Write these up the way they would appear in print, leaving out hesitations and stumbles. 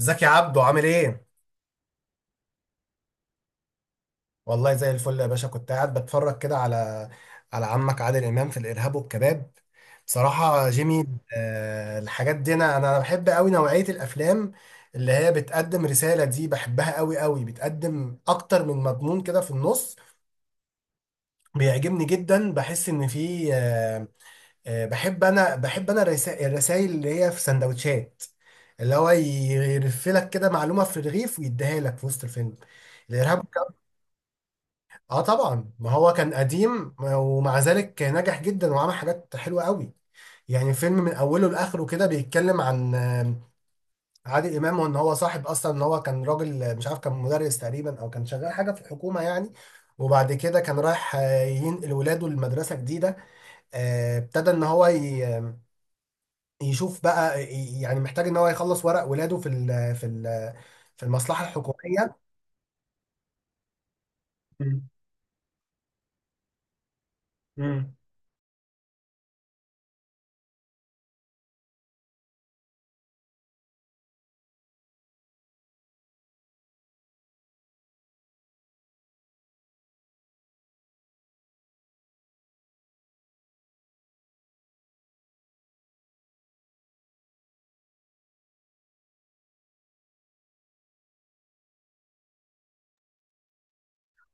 ازيك يا عبدو عامل ايه؟ والله زي الفل يا باشا، كنت قاعد بتفرج كده على عمك عادل امام في الارهاب والكباب، بصراحة جيمي. الحاجات دي، انا بحب قوي نوعية الافلام اللي هي بتقدم رسالة، دي بحبها قوي قوي، بتقدم اكتر من مضمون كده في النص. بيعجبني جدا، بحس ان في. بحب انا الرسائل اللي هي في سندوتشات، اللي هو يرفلك كده معلومة في الرغيف ويديها لك في وسط الفيلم الارهاب. اه، طبعا ما هو كان قديم، ومع ذلك نجح جدا وعمل حاجات حلوه قوي. يعني فيلم من اوله لاخره كده بيتكلم عن عادل امام، وان هو صاحب اصلا ان هو كان راجل، مش عارف، كان مدرس تقريبا، او كان شغال حاجه في الحكومه يعني. وبعد كده كان رايح ينقل ولاده لمدرسه جديده. ابتدى ان هو يشوف بقى، يعني محتاج ان هو يخلص ورق ولاده في المصلحه الحكوميه. مم.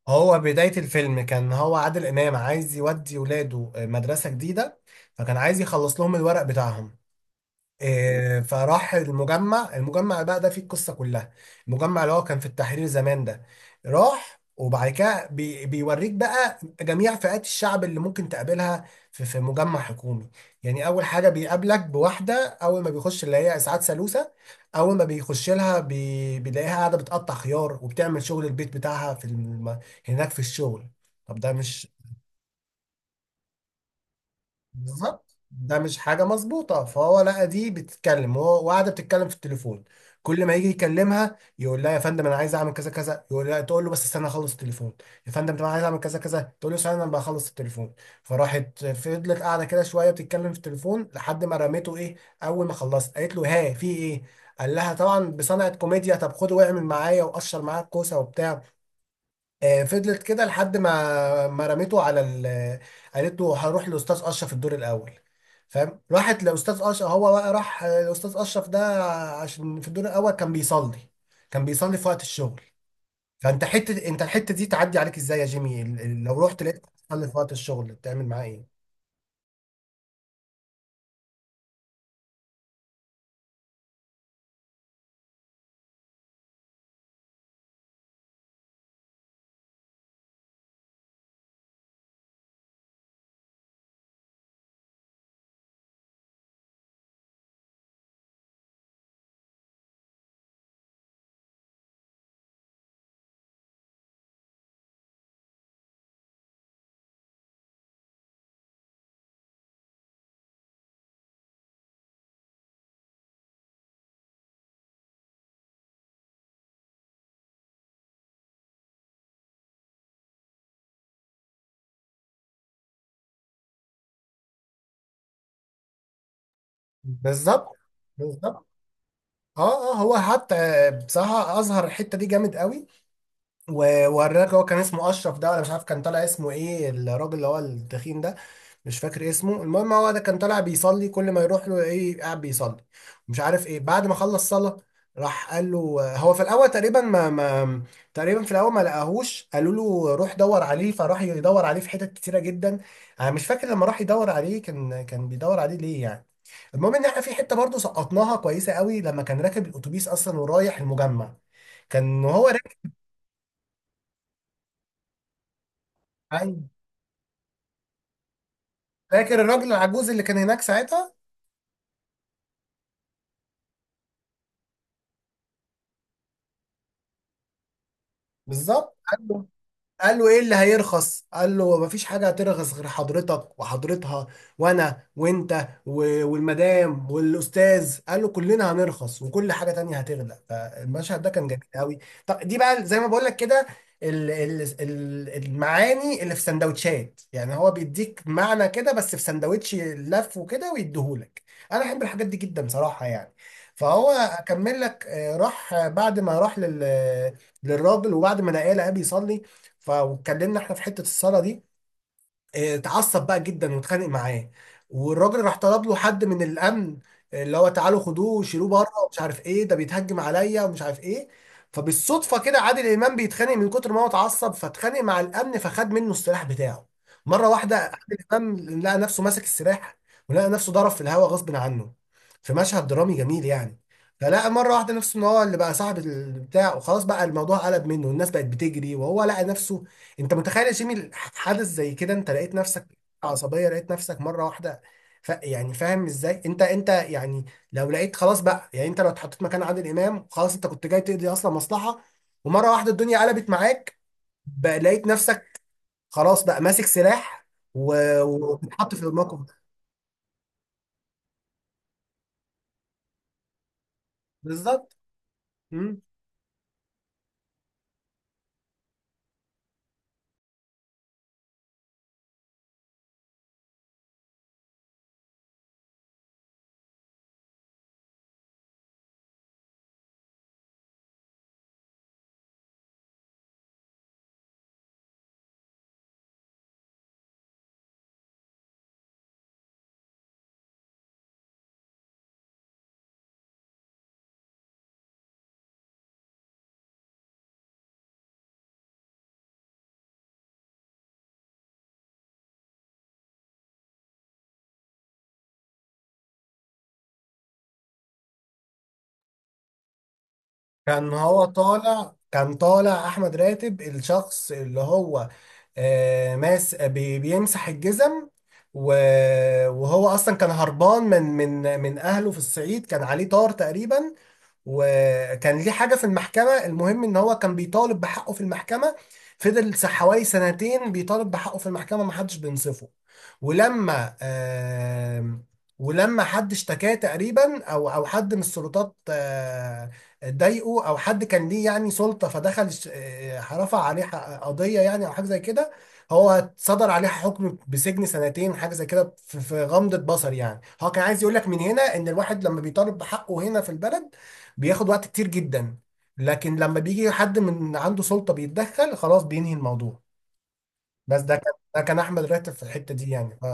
هو بداية الفيلم كان هو عادل إمام عايز يودي ولاده مدرسة جديدة، فكان عايز يخلص لهم الورق بتاعهم. فراح المجمع، المجمع بقى ده فيه القصة كلها. المجمع اللي هو كان في التحرير زمان ده، راح وبعد كده بيوريك بقى جميع فئات الشعب اللي ممكن تقابلها في مجمع حكومي. يعني أول حاجة بيقابلك بواحدة، أول ما بيخش اللي هي إسعاد سالوسة. أول ما بيخش لها بيلاقيها قاعدة بتقطع خيار وبتعمل شغل البيت بتاعها في هناك في الشغل. طب ده مش. بالظبط، ده مش حاجة مظبوطة، فهو لقى دي بتتكلم، هو وقاعدة بتتكلم في التليفون. كل ما يجي يكلمها يقول لها يا فندم انا عايز اعمل كذا كذا، يقول لها، تقول له بس استنى اخلص التليفون. يا فندم، طب انا عايز اعمل كذا كذا، تقول له استنى انا بخلص التليفون. فراحت فضلت قاعدة كده شوية بتتكلم في التليفون لحد ما رميته ايه. اول ما خلصت قالت له ها، في ايه؟ قال لها طبعا بصنعة كوميديا، طب خد واعمل معايا وقشر معايا الكوسة وبتاع. فضلت كده لحد ما رميته على ال. قالت له هروح لاستاذ اشرف الدور الاول. فاهم، راحت لاستاذ اشرف. هو بقى راح لاستاذ اشرف ده عشان في الدور الاول كان بيصلي، كان بيصلي في وقت الشغل. فانت حته، انت الحته دي تعدي عليك ازاي يا جيمي؟ لو رحت لقيت بتصلي في وقت الشغل، بتعمل معاه ايه؟ بالظبط، بالظبط. اه، اه، هو حتى بصراحه اظهر الحته دي جامد قوي. ووراك، هو كان اسمه اشرف ده ولا مش عارف، كان طالع اسمه ايه الراجل اللي هو التخين ده، مش فاكر اسمه. المهم هو ده كان طالع بيصلي، كل ما يروح له ايه قاعد بيصلي، مش عارف ايه. بعد ما خلص صلاة راح قال له. هو في الاول تقريبا ما ما تقريبا في الاول ما لقاهوش، قالوا له روح دور عليه، فراح يدور عليه في حتت كتيرة جدا. انا مش فاكر لما راح يدور عليه كان بيدور عليه ليه يعني. المهم ان احنا في حته برضه سقطناها كويسه قوي، لما كان راكب الاتوبيس اصلا ورايح المجمع، كان وهو راكب. فاكر الراجل العجوز اللي كان هناك ساعتها؟ بالظبط، عنده. قال له ايه اللي هيرخص؟ قال له مفيش حاجه هترخص غير حضرتك وحضرتها، وانا وانت والمدام والاستاذ، قال له كلنا هنرخص وكل حاجه تانية هتغلى. فالمشهد ده كان جميل قوي. طب دي بقى زي ما بقول لك كده، المعاني اللي في سندوتشات، يعني هو بيديك معنى كده بس في سندوتش لف وكده ويديهولك. انا احب الحاجات دي جدا صراحه يعني. فهو اكمل لك، راح بعد ما راح للراجل، وبعد ما لقاه بيصلي. فاتكلمنا احنا في حته الصلاه دي. اه، اتعصب بقى جدا واتخانق معاه، والراجل راح طلب له حد من الامن، اللي هو تعالوا خدوه شيلوه بره ومش عارف ايه، ده بيتهجم عليا ومش عارف ايه. فبالصدفه كده عادل امام بيتخانق، من كتر ما هو اتعصب فاتخانق مع الامن، فخد منه السلاح بتاعه. مره واحده عادل امام لقى نفسه ماسك السلاح، ولقى نفسه ضرب في الهواء غصب عنه، في مشهد درامي جميل يعني. فلقى مره واحده نفسه ان هو اللي بقى صاحب البتاع، وخلاص بقى الموضوع قلب منه، والناس بقت بتجري، وهو لقى نفسه. انت متخيل يا جيمي حدث زي كده؟ انت لقيت نفسك عصبية، لقيت نفسك مرة واحدة. ف يعني، فاهم ازاي انت يعني؟ لو لقيت خلاص بقى، يعني انت لو اتحطيت مكان عادل امام، خلاص انت كنت جاي تقضي اصلا مصلحة، ومرة واحدة الدنيا قلبت معاك، بقى لقيت نفسك خلاص بقى ماسك سلاح، وبتتحط في الموقف ده. بالظبط. مم. كان هو طالع، كان طالع احمد راتب. الشخص اللي هو بيمسح الجزم، و- وهو اصلا كان هربان من اهله في الصعيد، كان عليه طار تقريبا، وكان ليه حاجة في المحكمة. المهم ان هو كان بيطالب بحقه في المحكمة، فضل حوالي سنتين بيطالب بحقه في المحكمة محدش بينصفه. ولما آم، ولما حد اشتكاه تقريبا او حد من السلطات، ضايقه، او حد كان ليه يعني سلطة، فدخل رفع عليه قضية يعني، او حاجة زي كده. هو صدر عليه حكم بسجن سنتين حاجه زي كده، في غمضه بصر. يعني هو كان عايز يقول لك من هنا، ان الواحد لما بيطالب بحقه هنا في البلد بياخد وقت كتير جدا، لكن لما بيجي حد من عنده سلطة بيتدخل خلاص بينهي الموضوع. بس ده كان احمد راتب في الحتة دي يعني. ف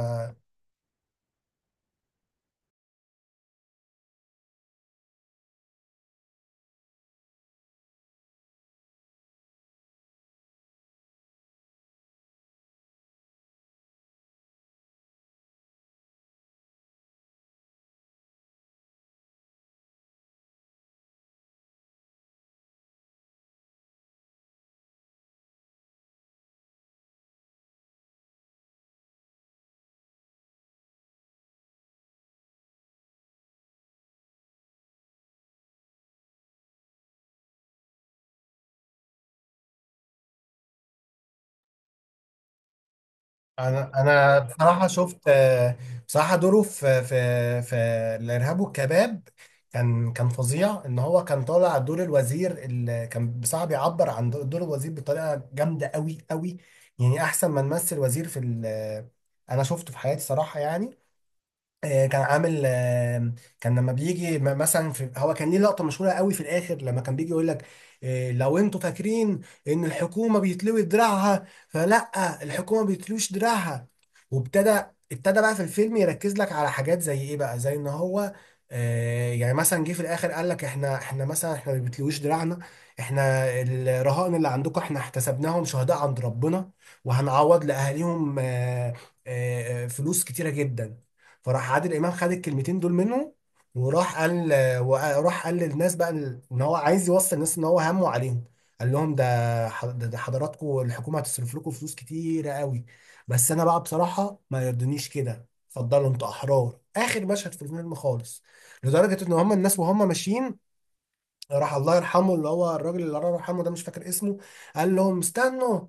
انا بصراحة شفت، بصراحة دوره في الارهاب والكباب كان، فظيع. ان هو كان طالع دور الوزير، اللي كان بصراحة بيعبر عن دور الوزير بطريقة جامدة قوي قوي، يعني احسن ما نمثل وزير في انا شفته في حياتي صراحة يعني. كان عامل، كان لما بيجي مثلا، في هو كان ليه لقطه مشهوره قوي في الاخر، لما كان بيجي يقول لك لو انتوا فاكرين ان الحكومه بيتلوي دراعها، فلا، الحكومه بيتلوش دراعها. وابتدى، بقى في الفيلم يركز لك على حاجات زي ايه، بقى زي ان هو يعني مثلا، جه في الاخر قال لك احنا احنا مثلا احنا ما بيتلويش دراعنا، احنا الرهائن اللي عندكم احنا احتسبناهم شهداء عند ربنا، وهنعوض لاهاليهم فلوس كتيره جدا. فراح عادل امام خد الكلمتين دول منه، وراح قال وراح قال للناس بقى ان هو عايز يوصل الناس ان هو همه عليهم. قال لهم ده حضراتكم الحكومه هتصرف لكم فلوس كتيره قوي، بس انا بقى بصراحه ما يرضنيش كده، اتفضلوا انتوا احرار. اخر مشهد في الفيلم خالص، لدرجه ان هم الناس وهم ماشيين. راح الله يرحمه اللي هو الراجل اللي الله يرحمه ده، مش فاكر اسمه، قال لهم استنوا.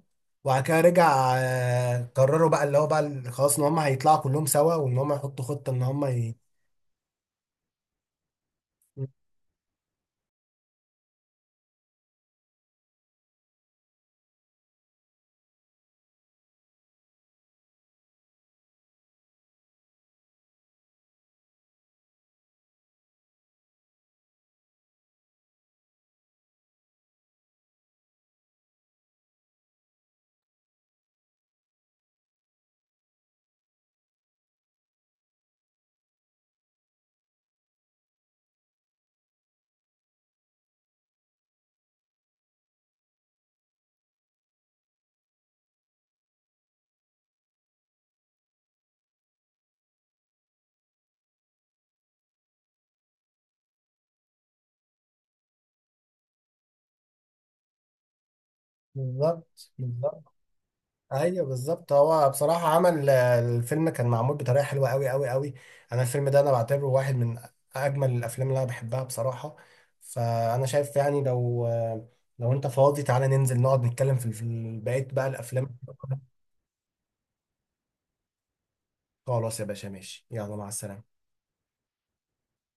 وبعد كده رجع، قرروا بقى اللي هو بقى خلاص ان هم هيطلعوا كلهم سوا، وان هم يحطوا خطة ان هم بالظبط، بالظبط. ايوه، بالظبط. هو بصراحة عمل، الفيلم كان معمول بطريقة حلوة قوي قوي قوي. انا الفيلم ده انا بعتبره واحد من اجمل الافلام اللي انا بحبها بصراحة. فانا شايف يعني لو انت فاضي تعالى ننزل نقعد نتكلم في بقية بقى الافلام. خلاص يا باشا ماشي، يلا مع السلامة.